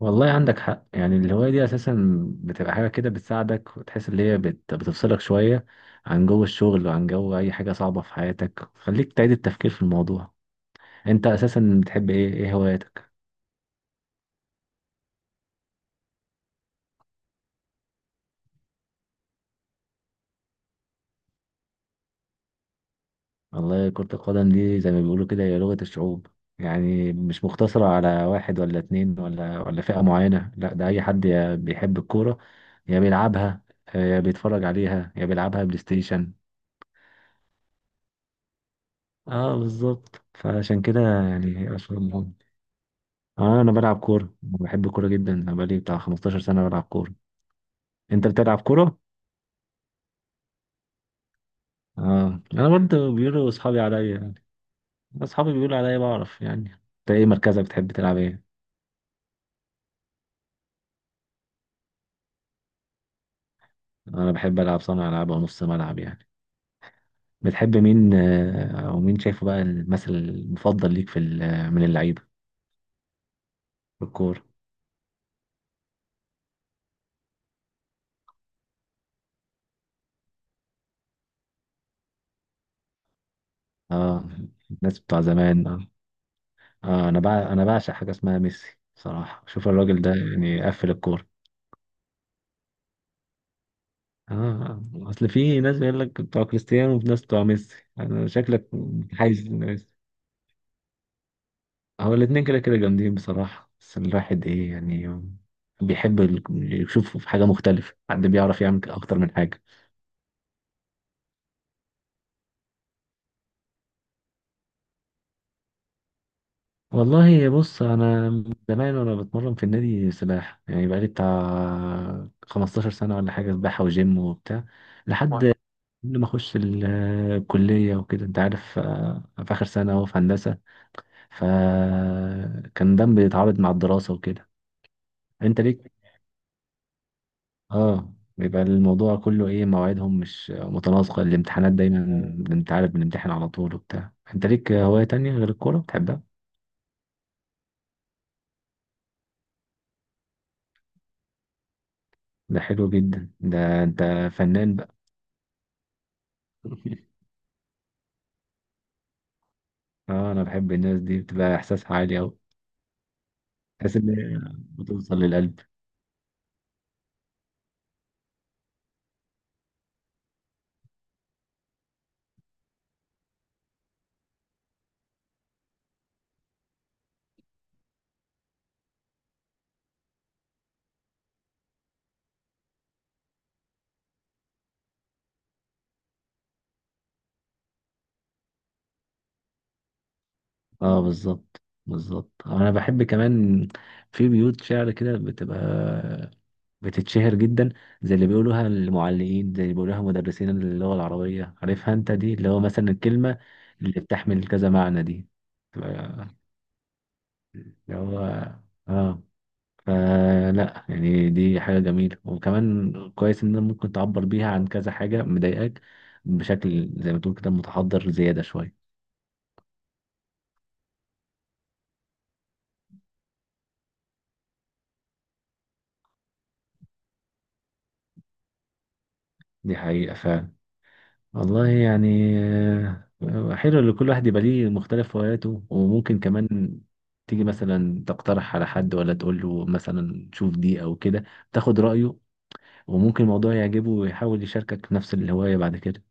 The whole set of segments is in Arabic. والله عندك حق، يعني الهواية دي أساسا بتبقى حاجة كده بتساعدك وتحس إن هي بتفصلك شوية عن جو الشغل وعن جو أي حاجة صعبة في حياتك، خليك تعيد التفكير في الموضوع. أنت أساسا بتحب إيه هواياتك؟ والله كرة القدم دي زي ما بيقولوا كده هي لغة الشعوب، يعني مش مقتصرة على واحد ولا اتنين ولا فئة معينة، لا ده أي حد يا بيحب الكورة يا بيلعبها. يا بيتفرج عليها يا بيلعبها بلاي ستيشن. اه بالظبط، فعشان كده يعني أشهر. اه انا بلعب كوره، بحب الكوره جدا، انا بقالي بتاع 15 سنه بلعب كوره. انت بتلعب كوره؟ اه انا برضه بيقولوا اصحابي عليا يعني، اصحابي بيقولوا عليا بعرف يعني. انت ايه مركزك؟ بتحب تلعب ايه؟ انا بحب العب صانع العاب او نص ملعب يعني. بتحب مين او مين شايفه بقى المثل المفضل ليك في من اللعيبه في الكوره؟ اه الناس بتوع زمان، آه انا بقى انا بعشق حاجه اسمها ميسي صراحه، شوف الراجل ده يعني قفل الكوره. اه اصل في ناس بيقول لك بتوع كريستيانو وفي ناس بتوع ميسي، انا شكلك حايز ميسي. هو الاتنين كده كده جامدين بصراحة، بس الواحد ايه يعني، بيحب يشوف حاجة مختلفة، حد بيعرف يعمل اكتر من حاجة. والله بص، انا من زمان وانا بتمرن في النادي سباحة يعني، بقالي بتاع 15 سنة ولا حاجة سباحة وجيم وبتاع، لحد قبل ما اخش الكلية وكده انت عارف. في اخر سنة اهو في هندسة، فكان ده بيتعارض مع الدراسة وكده. انت ليك، اه بيبقى الموضوع كله ايه، مواعيدهم مش متناسقة، الامتحانات دايما، انت عارف بنمتحن على طول وبتاع. انت ليك هواية تانية غير الكورة بتحبها؟ ده حلو جدا، ده انت فنان بقى. اه انا بحب الناس دي، بتبقى احساسها عالي اوي، تحس ان هي بتوصل للقلب. اه بالظبط، بالظبط، انا بحب كمان في بيوت شعر كده بتبقى بتتشهر جدا، زي اللي بيقولوها المعلقين، زي اللي بيقولوها مدرسين اللغة العربية، عارفها انت دي، اللي هو مثلا الكلمة اللي بتحمل كذا معنى دي. اللي هو اه، فلا يعني دي حاجة جميلة، وكمان كويس ان أنا ممكن تعبر بيها عن كذا حاجة مضايقاك بشكل زي ما تقول كده متحضر زيادة شوية. دي حقيقة والله، يعني حلو ان كل واحد يبقى ليه مختلف هواياته، وممكن كمان تيجي مثلا تقترح على حد ولا تقول له مثلا شوف دي او كده، تاخد رأيه، وممكن الموضوع يعجبه ويحاول يشاركك نفس الهواية بعد كده.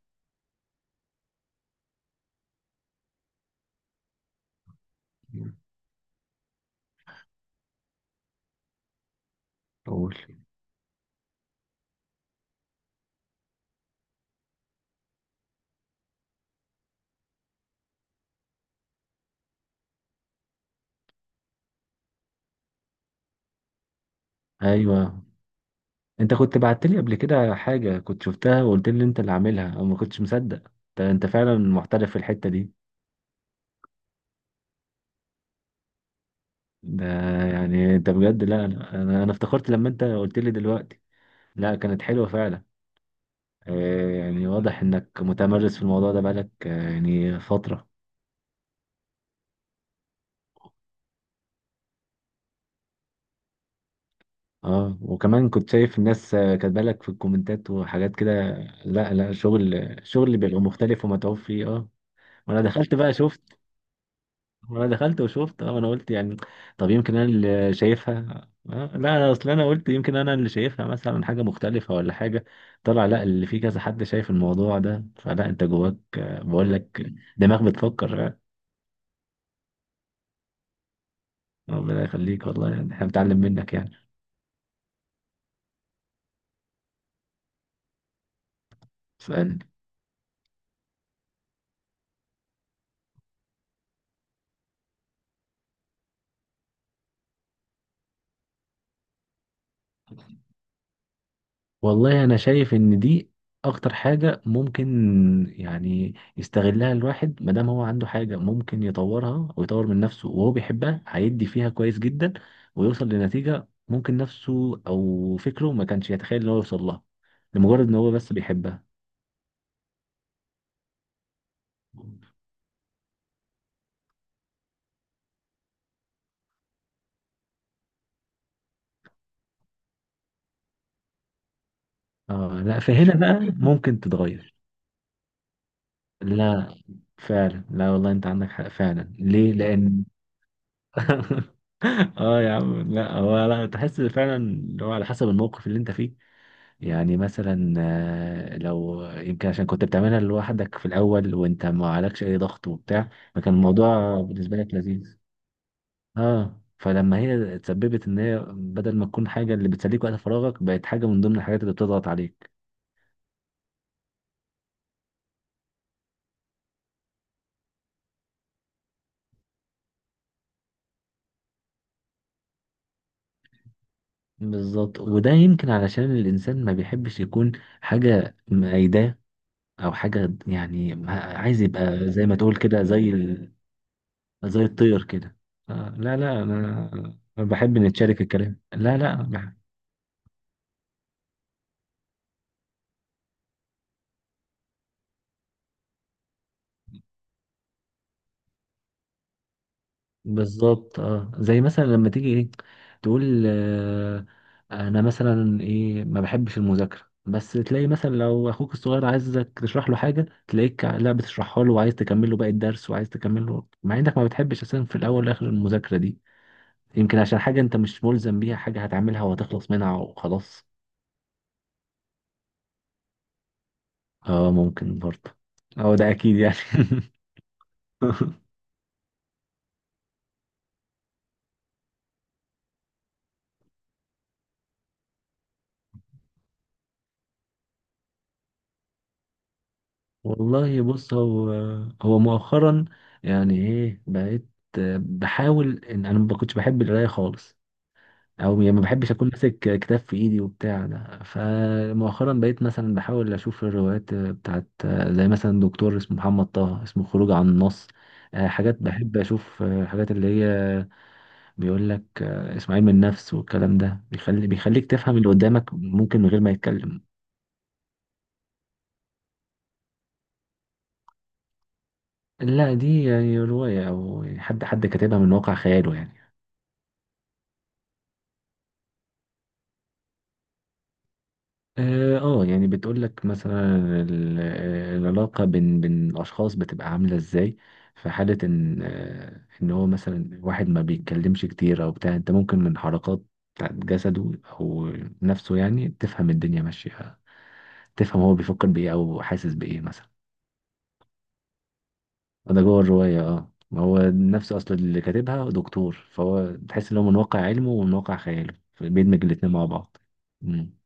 قول. ايوه، انت كنت بعت لي قبل كده حاجة كنت شفتها، وقلت لي انت اللي عاملها او ما كنتش مصدق، انت فعلا محترف في الحتة دي. ده يعني انت بجد، لا لا، انا افتكرت لما انت قلت لي دلوقتي، لا كانت حلوة فعلا. يعني واضح انك متمرس في الموضوع ده بقالك يعني فترة. اه وكمان كنت شايف الناس كاتبه لك في الكومنتات وحاجات كده، لا لا، شغل بيبقى مختلف ومتعوب فيه اه. وانا دخلت بقى شفت، وانا دخلت وشفت اه، انا قلت يعني طب يمكن انا اللي شايفها، آه لا أنا اصل انا قلت يمكن انا اللي شايفها مثلا حاجة مختلفة ولا حاجة، طلع لا اللي في كذا حد شايف الموضوع ده، فلا انت جواك بقول لك دماغ بتفكر ربنا يخليك والله، يعني احنا بنتعلم منك يعني. سؤال. والله انا شايف ان دي اكتر حاجة ممكن يعني يستغلها الواحد، ما دام هو عنده حاجة ممكن يطورها ويطور من نفسه وهو بيحبها، هيدي فيها كويس جدا، ويوصل لنتيجة ممكن نفسه او فكره ما كانش يتخيل ان هو يوصل لها، لمجرد ان هو بس بيحبها. آه لا، فهنا بقى ممكن تتغير، لا فعلا، لا والله انت عندك حق فعلا، ليه؟ لان اه يا عم، لا هو لا، تحس فعلا اللي هو على حسب الموقف اللي انت فيه يعني. مثلا لو يمكن عشان كنت بتعملها لوحدك في الأول وأنت ما عليكش أي ضغط وبتاع، فكان الموضوع بالنسبة لك لذيذ. اه فلما هي اتسببت إن هي بدل ما تكون حاجة اللي بتسليك وقت فراغك بقت حاجة من ضمن الحاجات اللي بتضغط عليك. بالظبط، وده يمكن علشان الإنسان ما بيحبش يكون حاجة مأيداه، أو حاجة يعني عايز يبقى زي ما تقول كده زي زي الطير كده. آه لا لا، أنا بحب نتشارك الكلام، لا لا. بالظبط اه، زي مثلا لما تيجي ايه تقول آه انا مثلا ايه ما بحبش المذاكره، بس تلاقي مثلا لو اخوك الصغير عايزك تشرح له حاجه، تلاقيك لا بتشرحها له وعايز تكمل له باقي الدرس وعايز تكمل له، مع انك ما بتحبش اساسا في الاول والاخر المذاكره دي، يمكن عشان حاجه انت مش ملزم بيها، حاجه هتعملها وهتخلص منها وخلاص. اه ممكن برضه، اه ده اكيد يعني. والله بص هو، هو مؤخرا يعني ايه، بقيت بحاول، ان انا ما كنتش بحب القرايه خالص، او يعني ما بحبش اكون ماسك كتاب في ايدي وبتاع ده، فمؤخرا بقيت مثلا بحاول اشوف الروايات بتاعت زي مثلا دكتور اسمه محمد طه، اسمه خروج عن النص. حاجات بحب اشوف الحاجات اللي هي بيقول لك اسمه علم النفس والكلام ده، بيخلي بيخليك تفهم اللي قدامك ممكن من غير ما يتكلم. لا دي يعني رواية، أو حد كاتبها من واقع خياله يعني. اه يعني بتقول لك مثلا العلاقة بين الأشخاص بتبقى عاملة ازاي في حالة ان ان هو مثلا واحد ما بيتكلمش كتير او بتاع، انت ممكن من حركات بتاعت جسده او نفسه يعني تفهم الدنيا ماشية، تفهم هو بيفكر بايه او حاسس بايه مثلا. ده جوه الرواية اه، ما هو نفسه اصلا اللي كاتبها دكتور، فهو تحس ان هو من واقع علمه ومن واقع خياله بيدمج الاتنين مع بعض. مم.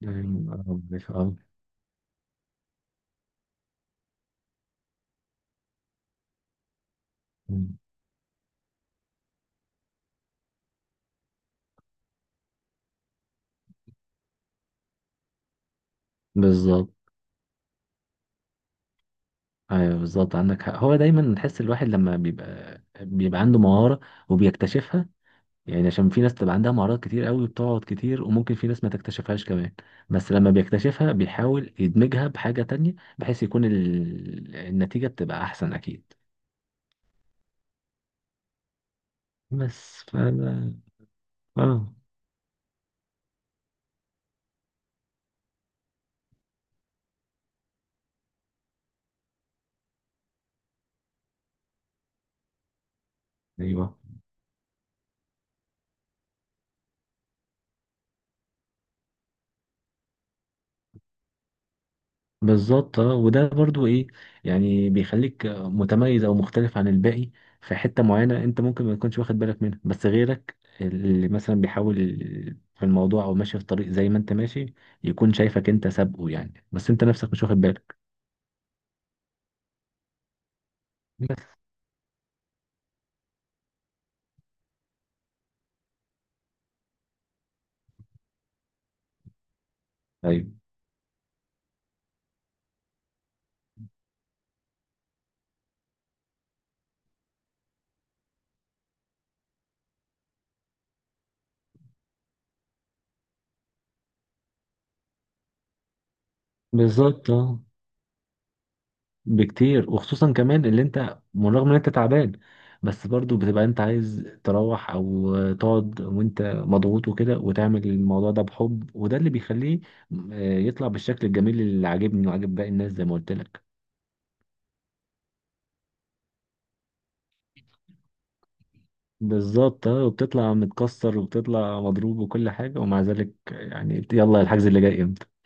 يعني، آه، آه. بالظبط. ايوه بالظبط عندك حق، هو دايما نحس الواحد لما بيبقى عنده مهارة وبيكتشفها، يعني عشان في ناس تبقى عندها مهارات كتير قوي بتقعد كتير، وممكن في ناس ما تكتشفهاش كمان، بس لما بيكتشفها بيحاول يدمجها بحاجة تانية بحيث يكون النتيجة بتبقى احسن اكيد. بس ف، اه ايوه بالظبط، اه وده برضو ايه يعني بيخليك متميز او مختلف عن الباقي في حتة معينة، انت ممكن ما تكونش واخد بالك منها، بس غيرك اللي مثلا بيحاول في الموضوع او ماشي في الطريق زي ما انت ماشي، يكون شايفك انت سابقه يعني، بس انت نفسك مش واخد بالك. بس ايوه بالظبط اه، بكتير، وخصوصا كمان اللي انت بالرغم ان انت تعبان بس برضو بتبقى انت عايز تروح او تقعد وانت مضغوط وكده وتعمل الموضوع ده بحب، وده اللي بيخليه يطلع بالشكل الجميل اللي عاجبني وعاجب باقي الناس زي ما قلت لك. بالظبط اه، وبتطلع متكسر وبتطلع مضروب وكل حاجة، ومع ذلك يعني يلا، الحجز اللي جاي امتى